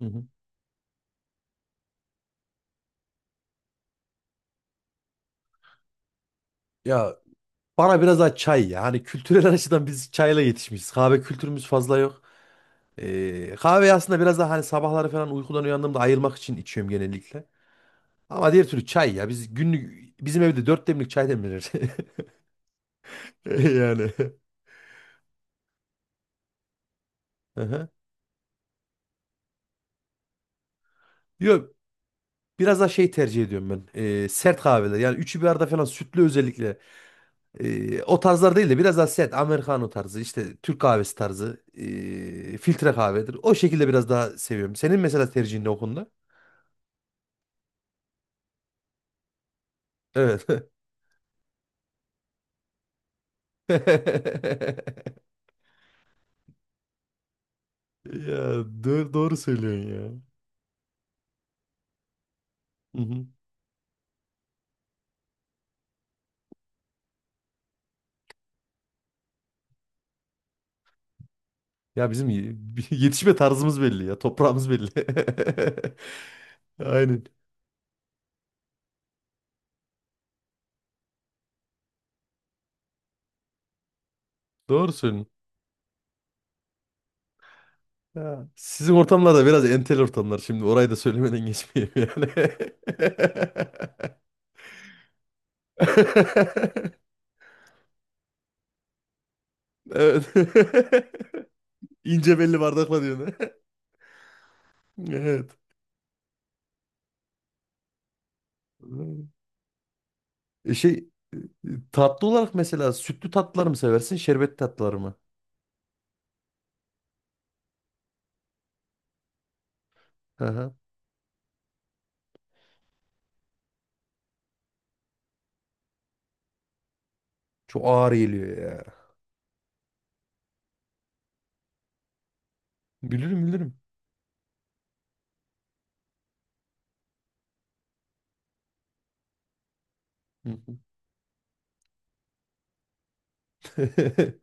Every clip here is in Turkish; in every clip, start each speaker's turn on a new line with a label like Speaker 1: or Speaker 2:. Speaker 1: Hı hı. Ya bana biraz daha çay ya. Hani kültürel açıdan biz çayla yetişmişiz. Kahve kültürümüz fazla yok. Kahve aslında biraz daha hani sabahları falan uykudan uyandığımda ayılmak için içiyorum genellikle. Ama diğer türlü çay ya. Biz günlük bizim evde dört demlik çay demlenir. Yani. Hı hı. Yok. Biraz daha şey tercih ediyorum ben. Sert kahveler. Yani üçü bir arada falan sütlü özellikle. O tarzlar değil de biraz daha sert. Americano tarzı işte Türk kahvesi tarzı. Filtre kahvedir. O şekilde biraz daha seviyorum. Senin mesela tercihin ne o konuda? Evet. Ya doğru, doğru söylüyorsun ya. Hı hı. Ya bizim yetişme tarzımız belli ya. Toprağımız belli. Aynen. Doğru söylüyorsun. Ya, sizin ortamlar da biraz entel ortamlar. Şimdi orayı da söylemeden geçmeyeyim yani. Evet. İnce belli bardakla diyorsun. Evet. E şey e, e, tatlı olarak mesela sütlü tatlılar mı seversin, şerbetli tatlılar mı? Çok ağır geliyor ya. Bilirim, bilirim. Hı hı.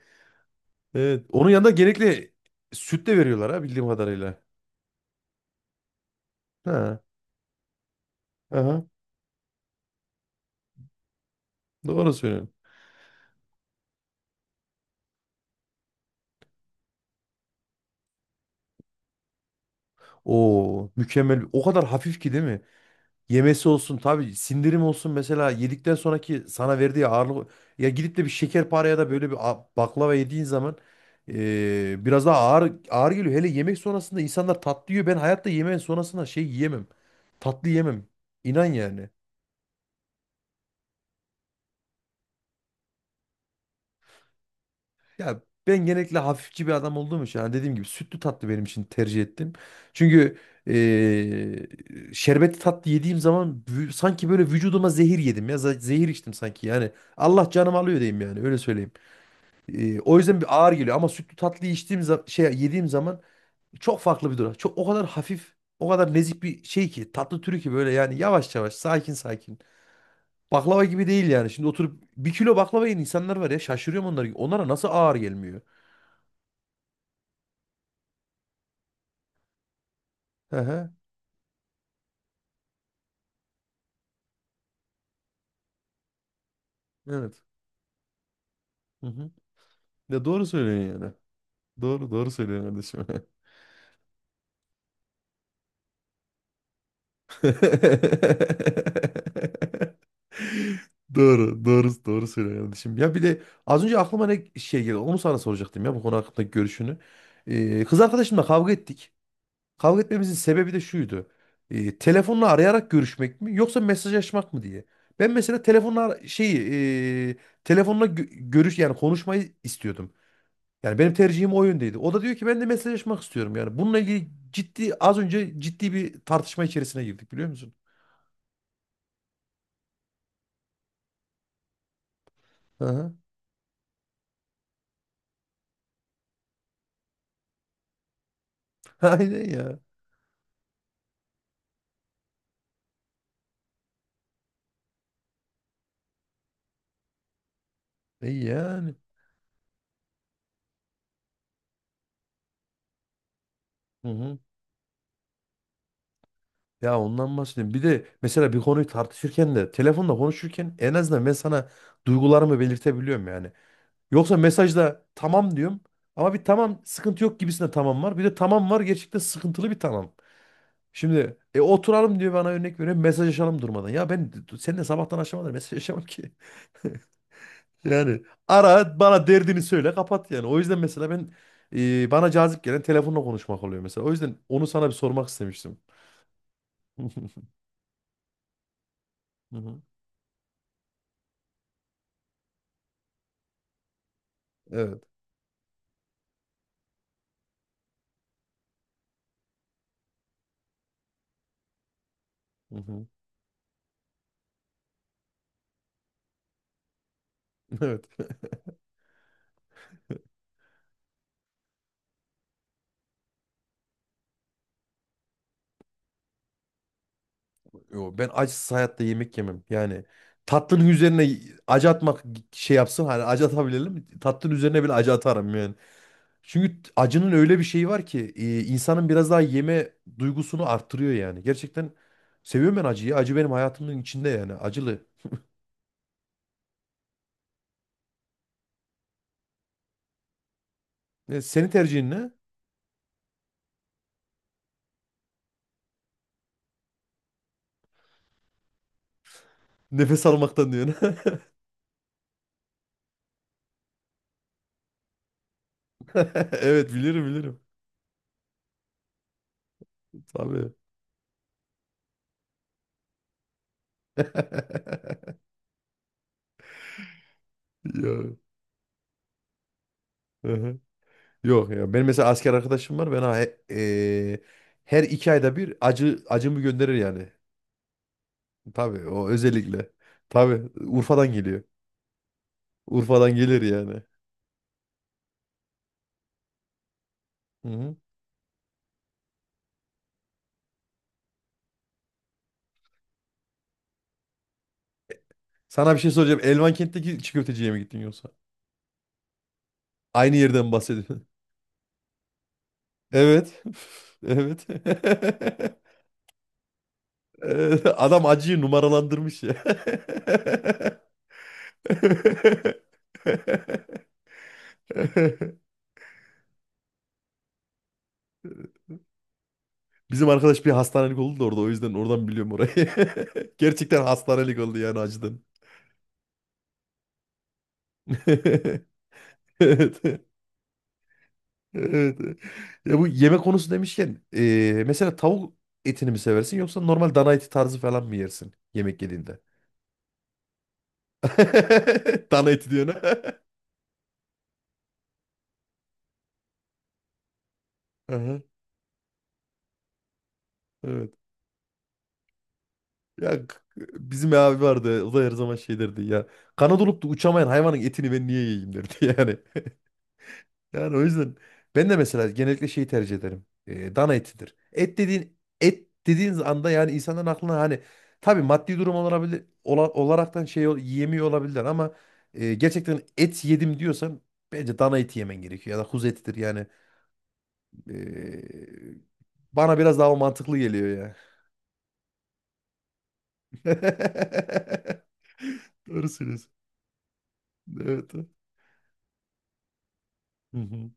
Speaker 1: Evet. Onun yanında genellikle süt de veriyorlar ha, bildiğim kadarıyla. Ha. Aha. Doğru söylüyorsun. Oo, mükemmel. O kadar hafif ki, değil mi? Yemesi olsun tabii, sindirim olsun mesela, yedikten sonraki sana verdiği ağırlık, ya gidip de bir şekerpare ya da böyle bir baklava yediğin zaman biraz daha ağır ağır geliyor. Hele yemek sonrasında insanlar tatlı yiyor. Ben hayatta yemeğin sonrasında şey yiyemem. Tatlı yemem. İnan yani. Ya ben genellikle hafifçi bir adam olduğum için, hani dediğim gibi, sütlü tatlı benim için tercih ettim. Çünkü eee şerbetli tatlı yediğim zaman sanki böyle vücuduma zehir yedim ya, zehir içtim sanki yani, Allah canım alıyor diyeyim yani, öyle söyleyeyim. O yüzden bir ağır geliyor, ama sütlü tatlıyı içtiğim yediğim zaman çok farklı bir durum. Çok, o kadar hafif, o kadar nezih bir şey ki tatlı türü, ki böyle yani yavaş yavaş, sakin sakin. Baklava gibi değil yani. Şimdi oturup bir kilo baklava yiyen insanlar var ya, şaşırıyorum onlara. Onlara nasıl ağır gelmiyor? Hı hı. Evet. Hı hı. Ya doğru söylüyorsun yani. Doğru doğru söylüyorsun kardeşim. Doğru, doğru, doğru söylüyorsun kardeşim. Ya bir de az önce aklıma ne şey geldi. Onu sana soracaktım ya, bu konu hakkındaki görüşünü. Kız arkadaşımla kavga ettik. Kavga etmemizin sebebi de şuydu. Telefonla arayarak görüşmek mi, yoksa mesajlaşmak mı diye. Ben mesela telefonla e, telefonla gö- görüş yani konuşmayı istiyordum. Yani benim tercihim o yöndeydi. O da diyor ki ben de mesajlaşmak istiyorum yani. Bununla ilgili az önce ciddi bir tartışma içerisine girdik, biliyor musun? Aha. Aynen ya. E yani. Hı hı. Ya ondan bahsedeyim. Bir de mesela bir konuyu tartışırken de, telefonda konuşurken, en azından ben sana duygularımı belirtebiliyorum yani. Yoksa mesajda tamam diyorum, ama bir tamam sıkıntı yok gibisinde tamam var. Bir de tamam var, gerçekten sıkıntılı bir tamam. Şimdi oturalım diyor bana, örnek veriyorum, mesajlaşalım durmadan. Ya ben seninle sabahtan akşama kadar mesajlaşamam ki. Yani ara bana, derdini söyle, kapat yani. O yüzden mesela ben bana cazip gelen telefonla konuşmak oluyor mesela. O yüzden onu sana bir sormak istemiştim. Hı hı. Evet. Hı hı. Evet. Yo, ben acısız hayatta yemek yemem. Yani tatlının üzerine acı atmak, şey yapsın hani, acı atabilelim. Tatlının üzerine bile acı atarım yani. Çünkü acının öyle bir şeyi var ki, insanın biraz daha yeme duygusunu arttırıyor yani. Gerçekten seviyorum ben acıyı. Acı benim hayatımın içinde yani, acılı. E, senin tercihin ne? Nefes almaktan diyorsun. Evet, bilirim bilirim. Tabii. Yok. Hı-hı. Yok ya. Benim mesela asker arkadaşım var. Ben e, her 2 ayda bir acı acımı gönderir yani. Tabii, o özellikle. Tabii Urfa'dan geliyor. Urfa'dan gelir yani. Hı-hı. Sana bir şey soracağım. Elvankent'teki çiğ köfteciye mi gittin yoksa? Aynı yerden bahsediyorsun. Evet. Evet. Evet, adam acıyı numaralandırmış ya. Bizim arkadaş bir hastanelik oldu da orada, o yüzden oradan biliyorum orayı. Gerçekten hastanelik oldu yani, acıdan. Evet. Evet. Ya bu yemek konusu demişken, mesela tavuk etini mi seversin, yoksa normal dana eti tarzı falan mı yersin yemek yediğinde? Dana eti diyorsun, Ha? Aha, evet. Ya bizim abi vardı, o da her zaman şey derdi ya. Kanat olup da uçamayan hayvanın etini ben niye yiyeyim derdi yani. Yani o yüzden ben de mesela genellikle şeyi tercih ederim. Dana etidir. Et dediğiniz anda yani, insanların aklına hani, tabii maddi durum olabilir, olaraktan yiyemiyor olabilirler ama gerçekten et yedim diyorsan, bence dana eti yemen gerekiyor ya da kuzu etidir yani. Ee, bana biraz daha o mantıklı geliyor ya. Doğru söylüyorsun. Evet. Hı hı.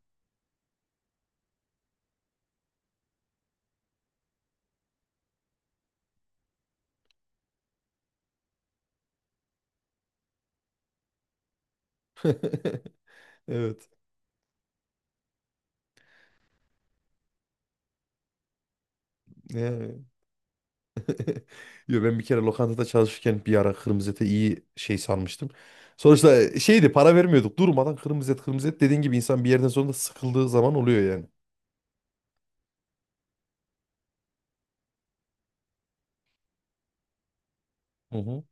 Speaker 1: Evet. Yani. Yo, ben bir kere lokantada çalışırken bir ara kırmızı ete iyi şey sanmıştım. Sonuçta şeydi, para vermiyorduk. Durmadan kırmızı et, kırmızı et dediğin gibi, insan bir yerden sonra da sıkıldığı zaman oluyor yani. Hı hı.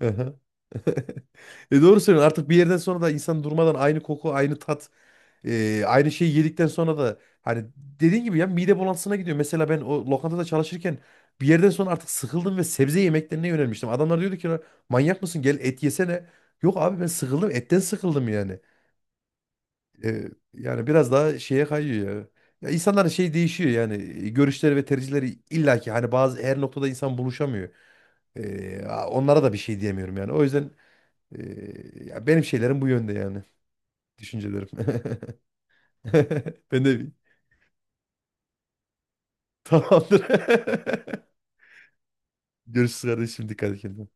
Speaker 1: Aha. Doğru söylüyorsun. Artık bir yerden sonra da insan durmadan aynı koku, aynı tat, aynı şeyi yedikten sonra da, hani dediğin gibi ya, mide bulantısına gidiyor. Mesela ben o lokantada çalışırken bir yerden sonra artık sıkıldım ve sebze yemeklerine yönelmiştim. Adamlar diyordu ki, "Lan, manyak mısın, gel et yesene." Yok abi, ben sıkıldım, etten sıkıldım yani. E, yani biraz daha şeye kayıyor ya. Ya insanların şey değişiyor yani, görüşleri ve tercihleri, illaki hani bazı her noktada insan buluşamıyor. Onlara da bir şey diyemiyorum yani. O yüzden e, ya benim şeylerim bu yönde yani, düşüncelerim. Ben de tamamdır. Görüşürüz kardeşim, dikkat et kendine.